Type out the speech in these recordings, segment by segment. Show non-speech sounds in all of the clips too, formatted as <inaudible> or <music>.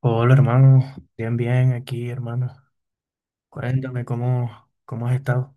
Hola hermano, bien, bien aquí hermano. Cuéntame cómo has estado.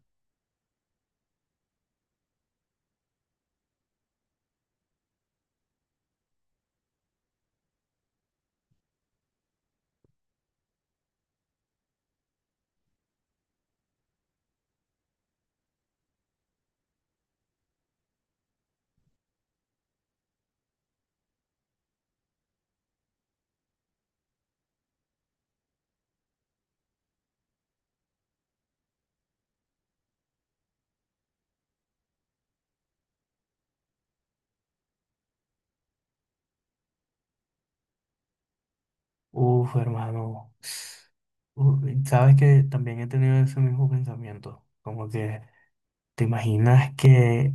Uf, hermano. Uf, sabes que también he tenido ese mismo pensamiento. Como que te imaginas que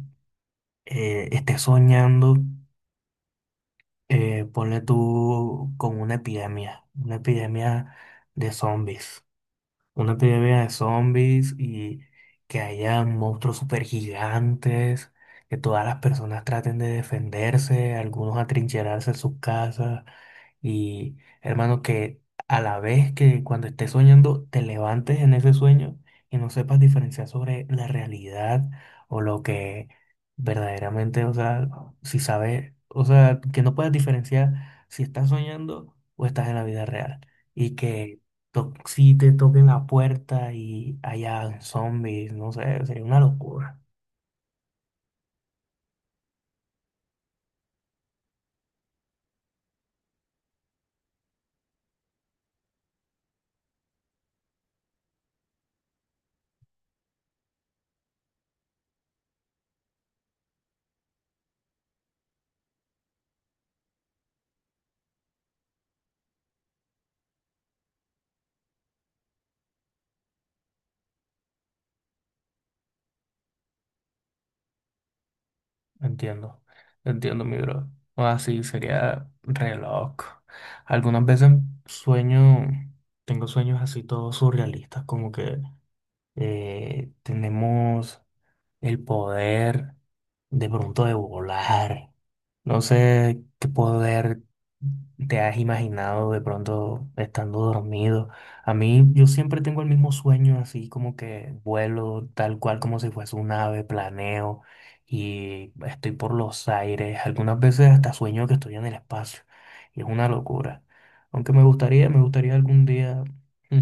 estés soñando, ponle tú con una epidemia de zombies. Una epidemia de zombies y que haya monstruos super gigantes, que todas las personas traten de defenderse, algunos atrincherarse en sus casas. Y hermano, que a la vez que cuando estés soñando, te levantes en ese sueño y no sepas diferenciar sobre la realidad o lo que verdaderamente, o sea, si sabes, o sea, que no puedas diferenciar si estás soñando o estás en la vida real. Y que si te toquen la puerta y haya zombies, no sé, sería una locura. Entiendo, entiendo, mi bro. O así sería re loco. Algunas veces sueño, tengo sueños así todos surrealistas, como que tenemos el poder de pronto de volar. No sé qué poder te has imaginado de pronto estando dormido. A mí yo siempre tengo el mismo sueño, así como que vuelo tal cual como si fuese un ave, planeo y estoy por los aires. Algunas veces hasta sueño que estoy en el espacio y es una locura. Aunque me gustaría algún día, mm,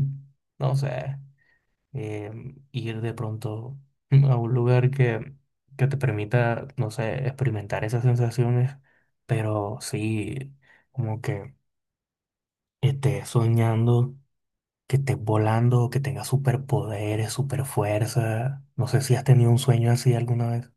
no sé eh, ir de pronto <laughs> a un lugar que te permita, no sé, experimentar esas sensaciones, pero sí, como que estés soñando, que estés volando, que tengas superpoderes, superfuerza. No sé si has tenido un sueño así alguna vez.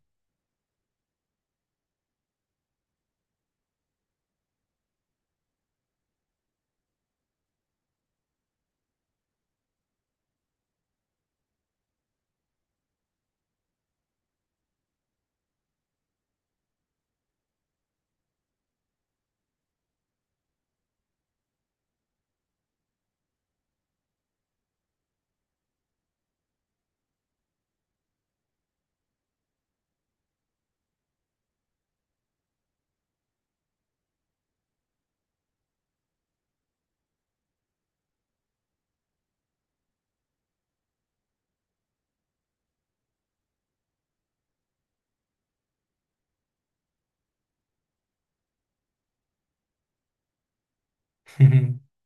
<laughs>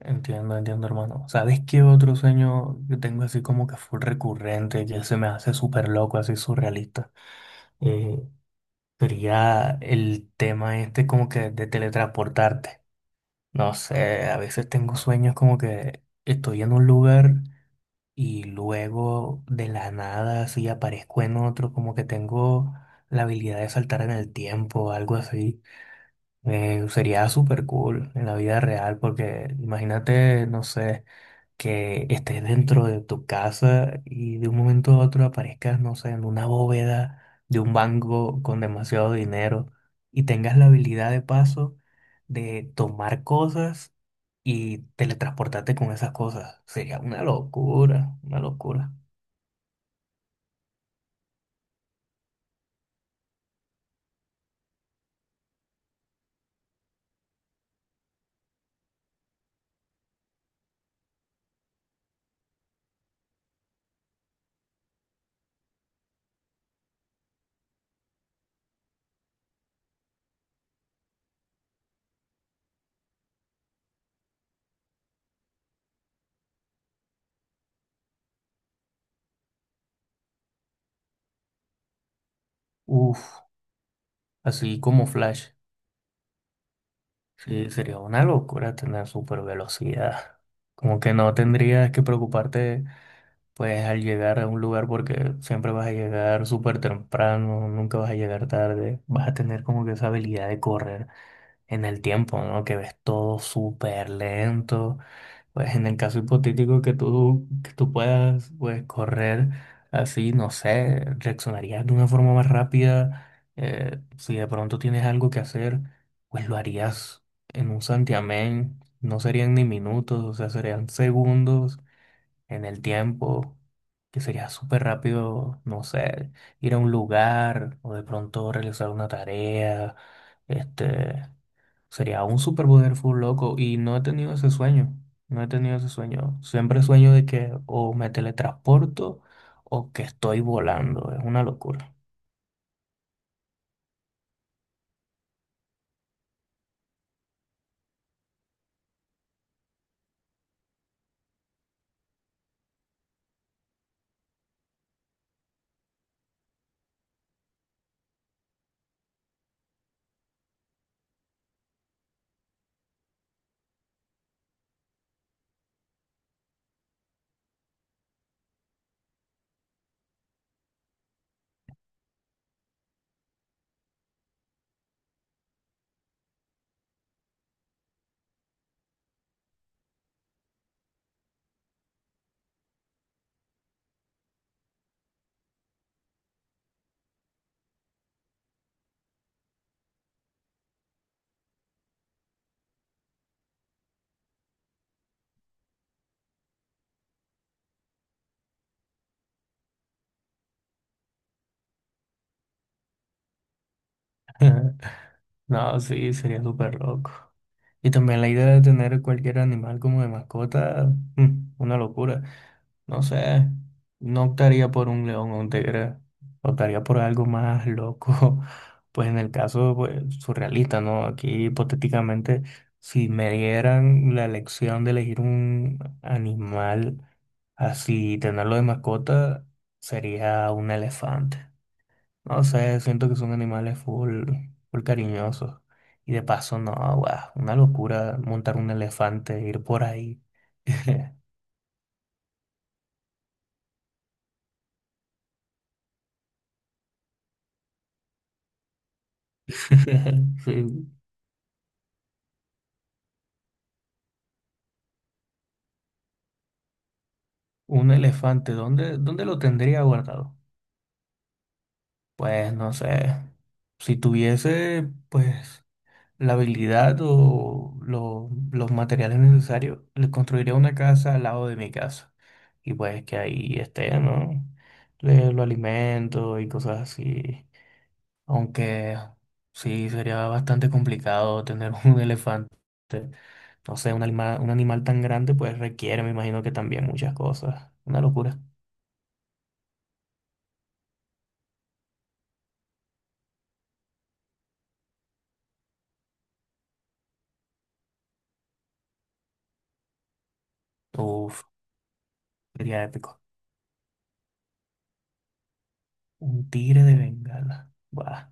Entiendo, entiendo, hermano. ¿Sabes qué otro sueño que tengo así como que fue recurrente, que se me hace súper loco, así surrealista? Sería el tema este como que de teletransportarte. No sé, a veces tengo sueños como que estoy en un lugar y luego de la nada así aparezco en otro, como que tengo la habilidad de saltar en el tiempo o algo así. Sería súper cool en la vida real porque imagínate, no sé, que estés dentro de tu casa y de un momento a otro aparezcas, no sé, en una bóveda de un banco con demasiado dinero y tengas la habilidad de paso de tomar cosas y teletransportarte con esas cosas. Sería una locura, una locura. Uf, así como Flash. Sí, sería una locura tener super velocidad. Como que no tendrías que preocuparte, pues, al llegar a un lugar porque siempre vas a llegar súper temprano, nunca vas a llegar tarde. Vas a tener como que esa habilidad de correr en el tiempo, ¿no? Que ves todo súper lento pues en el caso hipotético que tú puedas pues, correr así, no sé, reaccionarías de una forma más rápida. Si de pronto tienes algo que hacer, pues lo harías en un santiamén. No serían ni minutos, o sea, serían segundos en el tiempo, que sería súper rápido, no sé, ir a un lugar o de pronto realizar una tarea, este, sería un superpoder full loco y no he tenido ese sueño. No he tenido ese sueño. Siempre sueño de que o me teletransporto o que estoy volando. Es una locura. <laughs> No, sí, sería súper loco. Y también la idea de tener cualquier animal como de mascota, una locura. No sé, no optaría por un león o un tigre, optaría por algo más loco, <laughs> pues en el caso pues, surrealista, ¿no? Aquí hipotéticamente, si me dieran la elección de elegir un animal así, tenerlo de mascota, sería un elefante. No sé, siento que son animales full, full cariñosos. Y de paso, no, guau, una locura montar un elefante, e ir por ahí. <laughs> <laughs> Sí, un elefante, ¿dónde lo tendría guardado? Pues no sé. Si tuviese, pues, la habilidad o los materiales necesarios, le construiría una casa al lado de mi casa. Y pues que ahí esté, ¿no? Le, lo alimento y cosas así. Aunque sí, sería bastante complicado tener <laughs> un elefante. No sé, un animal tan grande, pues requiere, me imagino que también muchas cosas. Una locura. Uf. Sería épico. Un tigre de Bengala. Buah.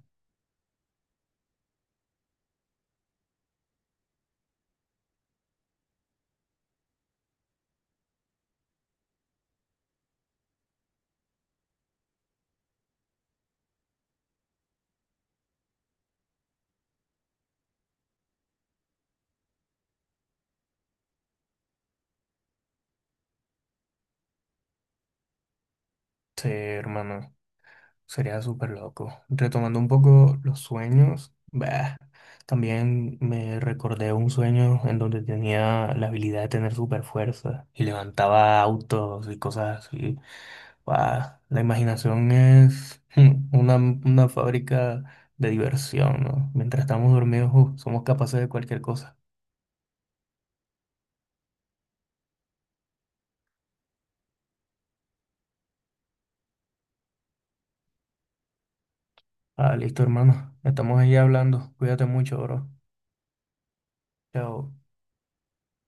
Sí, hermano. Sería súper loco. Retomando un poco los sueños. Bah. También me recordé un sueño en donde tenía la habilidad de tener super fuerza y levantaba autos y cosas así. Buah. La imaginación es <laughs> una fábrica de diversión, ¿no? Mientras estamos dormidos, somos capaces de cualquier cosa. Ah, listo, hermano. Estamos ahí hablando. Cuídate mucho, bro. Chao.